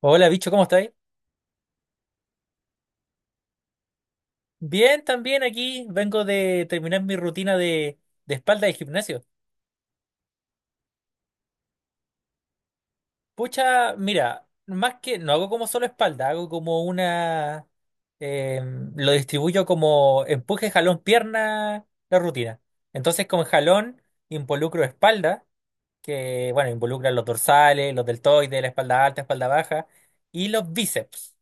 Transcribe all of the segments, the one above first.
Hola, bicho, ¿cómo estáis? Bien, también aquí vengo de terminar mi rutina de espalda de gimnasio. Pucha, mira, más que no hago como solo espalda, hago como una... eh, lo distribuyo como empuje, jalón, pierna, la rutina. Entonces con jalón involucro espalda, que bueno, involucra los dorsales, los deltoides, la espalda alta, espalda baja, y los bíceps.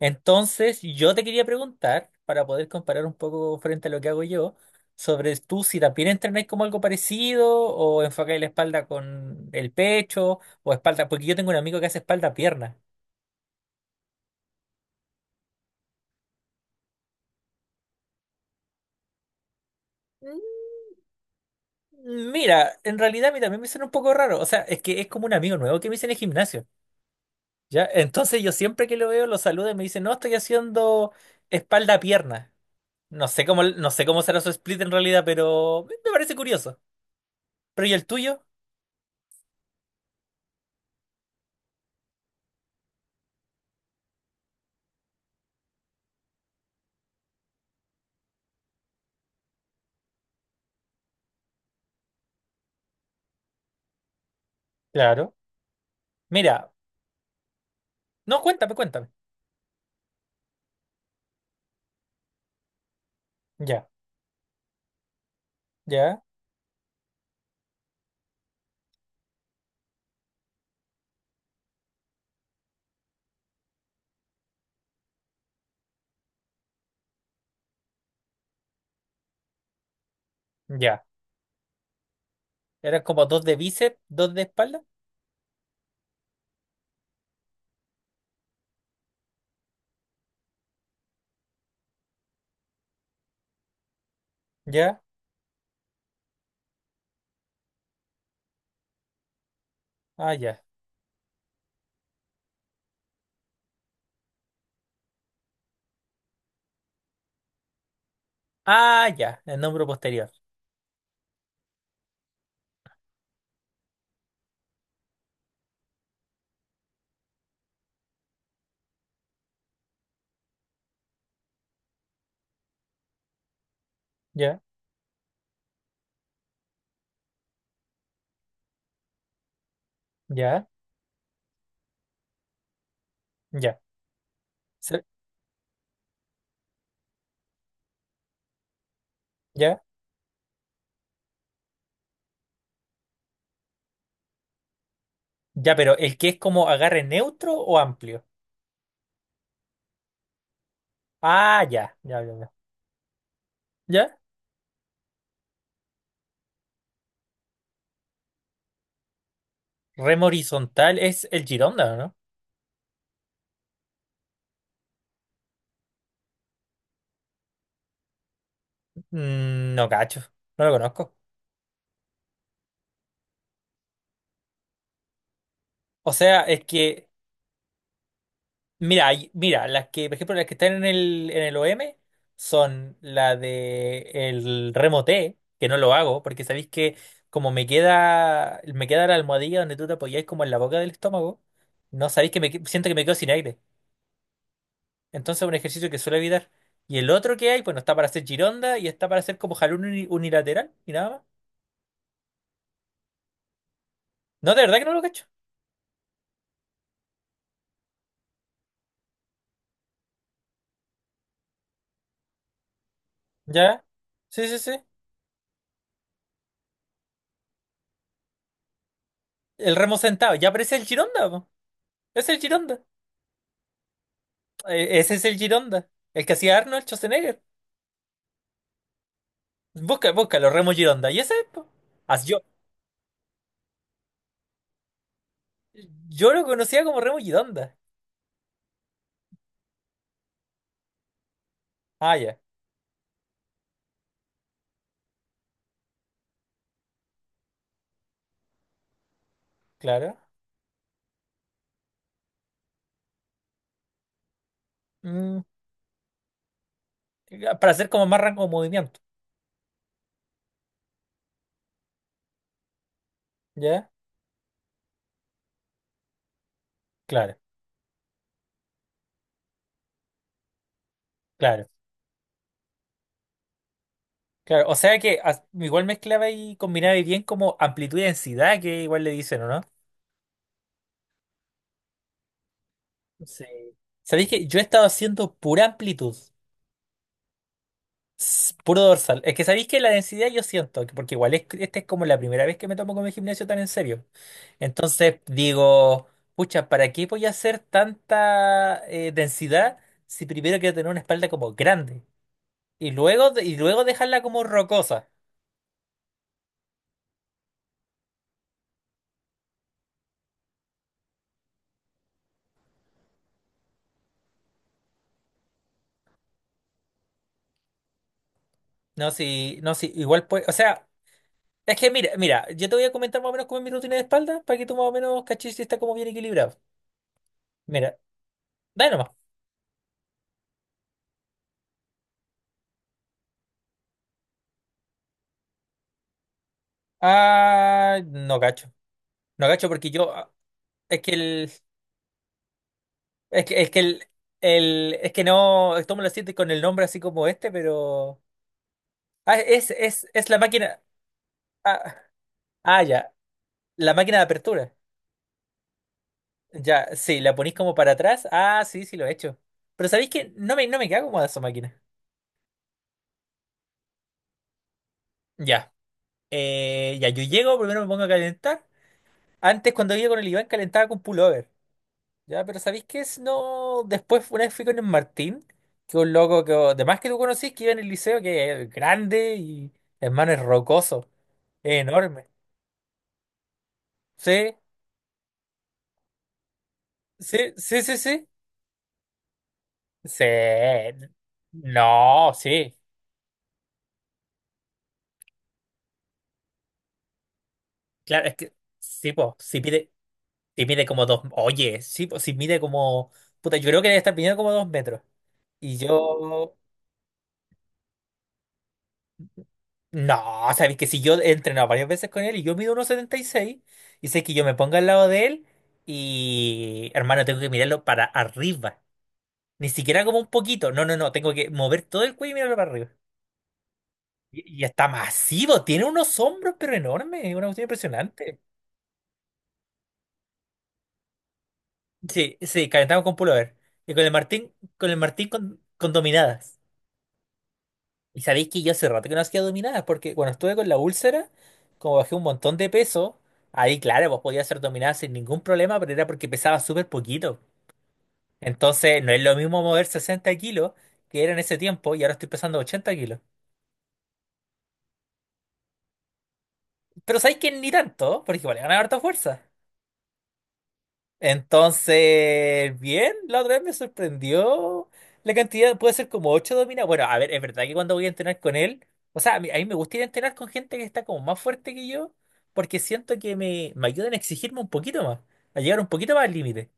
Entonces, yo te quería preguntar, para poder comparar un poco frente a lo que hago yo, sobre tú si también entrenáis como algo parecido o enfocáis la espalda con el pecho o espalda, porque yo tengo un amigo que hace espalda-pierna. Mm, mira, en realidad a mí también me suena un poco raro, o sea, es que es como un amigo nuevo que me hice en el gimnasio, ¿ya? Entonces yo siempre que lo veo lo saludo y me dice, no, estoy haciendo espalda-pierna. No sé cómo, no sé cómo será su split en realidad, pero me parece curioso. ¿Pero y el tuyo? Claro. Mira. No, cuéntame, cuéntame. Ya, ya, ya. Eran como dos de bíceps, dos de espalda. Ya, ah, ya. Ah, ya, el hombro posterior. Ya, ya, ya. Se- Ya, ya, pero el que es como agarre neutro o amplio. Ah, ya, ya, ya, ya. Ya. Remo horizontal es el Gironda, ¿o no? Mm, no cacho, no lo conozco. O sea, es que mira, mira, las que, por ejemplo, las que están en el OM son la de el remo T, que no lo hago, porque sabéis que me queda la almohadilla donde tú te apoyáis como en la boca del estómago, no sabéis que siento que me quedo sin aire. Entonces es un ejercicio que suelo evitar. Y el otro que hay, bueno, está para hacer gironda y está para hacer como jalón unilateral y nada más. No, de verdad que no lo cacho. Ya. Sí, sí, sí. El remo sentado. Ya aparece el gironda, po. Es el gironda. Ese es el Gironda, el que hacía Arnold Schwarzenegger. Busca, búscalo, Remo Gironda. Y ese, es, po. As- yo, yo lo conocía como Remo Gironda. Ah, ya, claro. Mm, para hacer como más rango de movimiento. ¿Ya? Claro, claro, claro. O sea que igual mezclaba y combinaba bien como amplitud y densidad, que igual le dicen, ¿o no? Sí. ¿Sabéis que yo he estado haciendo pura amplitud? Puro dorsal. Es que sabéis que la densidad yo siento, porque igual esta es como la primera vez que me tomo con el gimnasio tan en serio. Entonces digo, pucha, ¿para qué voy a hacer tanta densidad si primero quiero tener una espalda como grande? Y luego, y luego dejarla como rocosa. No, si, no, si, igual pues, o sea, es que mira, mira, yo te voy a comentar más o menos cómo es mi rutina de espalda para que tú más o menos caches si está como bien equilibrado. Mira, dale nomás. Ah, no cacho. No cacho porque es que es que es que no, esto me lo siento con el nombre así como este, pero... Ah, es la máquina. Ah, ah, ya. La máquina de apertura. Ya, sí, la ponís como para atrás. Ah, sí, sí, lo he hecho. Pero ¿sabéis que no me queda cómoda esa máquina. Ya. Ya, yo llego, primero me pongo a calentar. Antes, cuando iba con el Iván, calentaba con pullover. Ya, pero ¿sabéis qué es? No. Después, una vez fui con el Martín, que es un loco que, además que tú conocís, que iba en el liceo, que es grande y, hermano, es rocoso. Es enorme. Sí, sí, sí, sí, sí. Sí. No, sí. Claro, es que sí, po, si mide como dos. Oye, sí, po, si mide como. Puta, yo creo que debe estar midiendo como 2 metros. Y yo. No, sabes que si yo he entrenado varias veces con él y yo mido 1,76 y seis, y sé que yo me ponga al lado de él y. Hermano, tengo que mirarlo para arriba. Ni siquiera como un poquito. No, no, no. Tengo que mover todo el cuello y mirarlo para arriba. Y está masivo. Tiene unos hombros, pero enormes. Es una cuestión impresionante. Sí, sí, calentamos con pullover. Y con el Martín, con dominadas. Y sabéis que yo hace rato que no hacía dominadas, porque cuando estuve con la úlcera, como bajé un montón de peso, ahí claro, pues podía hacer dominadas sin ningún problema, pero era porque pesaba súper poquito. Entonces no es lo mismo mover 60 kilos que era en ese tiempo y ahora estoy pesando 80 kilos. Pero sabéis que ni tanto, porque igual ganar harta fuerza. Entonces, bien, la otra vez me sorprendió la cantidad, puede ser como 8 dominadas. Bueno, a ver, es verdad que cuando voy a entrenar con él, o sea, a mí me gusta ir a entrenar con gente que está como más fuerte que yo, porque siento que me ayudan a exigirme un poquito más, a llegar un poquito más al límite.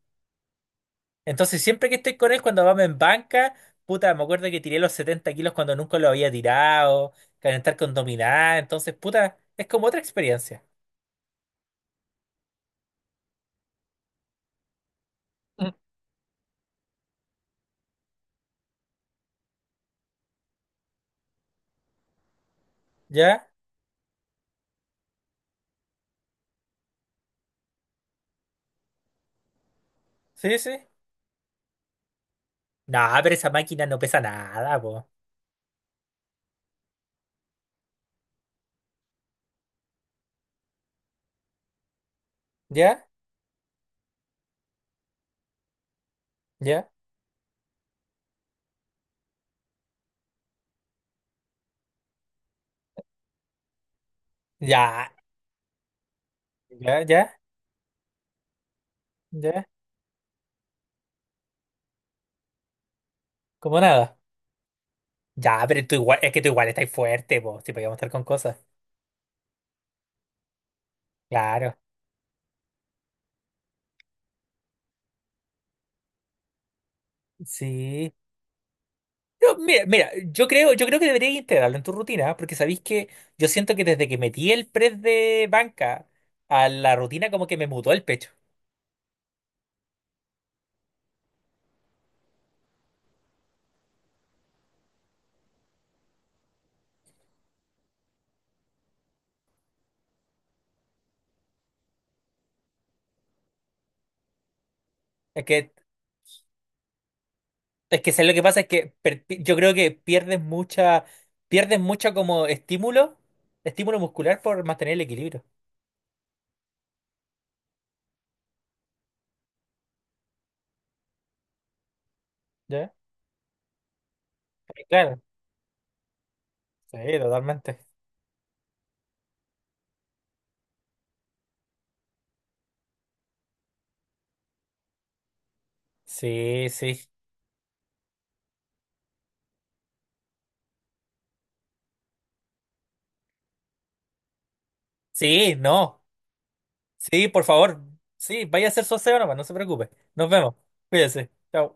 Entonces, siempre que estoy con él, cuando vamos en banca, puta, me acuerdo que tiré los 70 kilos cuando nunca lo había tirado, calentar con dominada, entonces, puta, es como otra experiencia. Mm. ¿Ya? Sí, sí. No, pero esa máquina no pesa nada, ya, ya, ya, ya, ya, ya, como nada. Ya, pero tú igual, es que tú igual estás fuerte, vos, si podíamos estar con cosas. Claro, sí. No, mira, mira, yo creo que deberías integrarlo en tu rutina, porque sabéis que yo siento que desde que metí el press de banca a la rutina, como que me mutó el pecho. Es que, es que ¿sabes lo que pasa? Es que yo creo que pierdes mucha, pierdes mucho como estímulo, estímulo muscular por mantener el equilibrio. ¿Ya? Claro, sí, totalmente. Sí, sí. Sí, no. Sí, por favor. Sí, vaya a hacer su aseo nomás, no se preocupe. Nos vemos. Cuídese. Chao.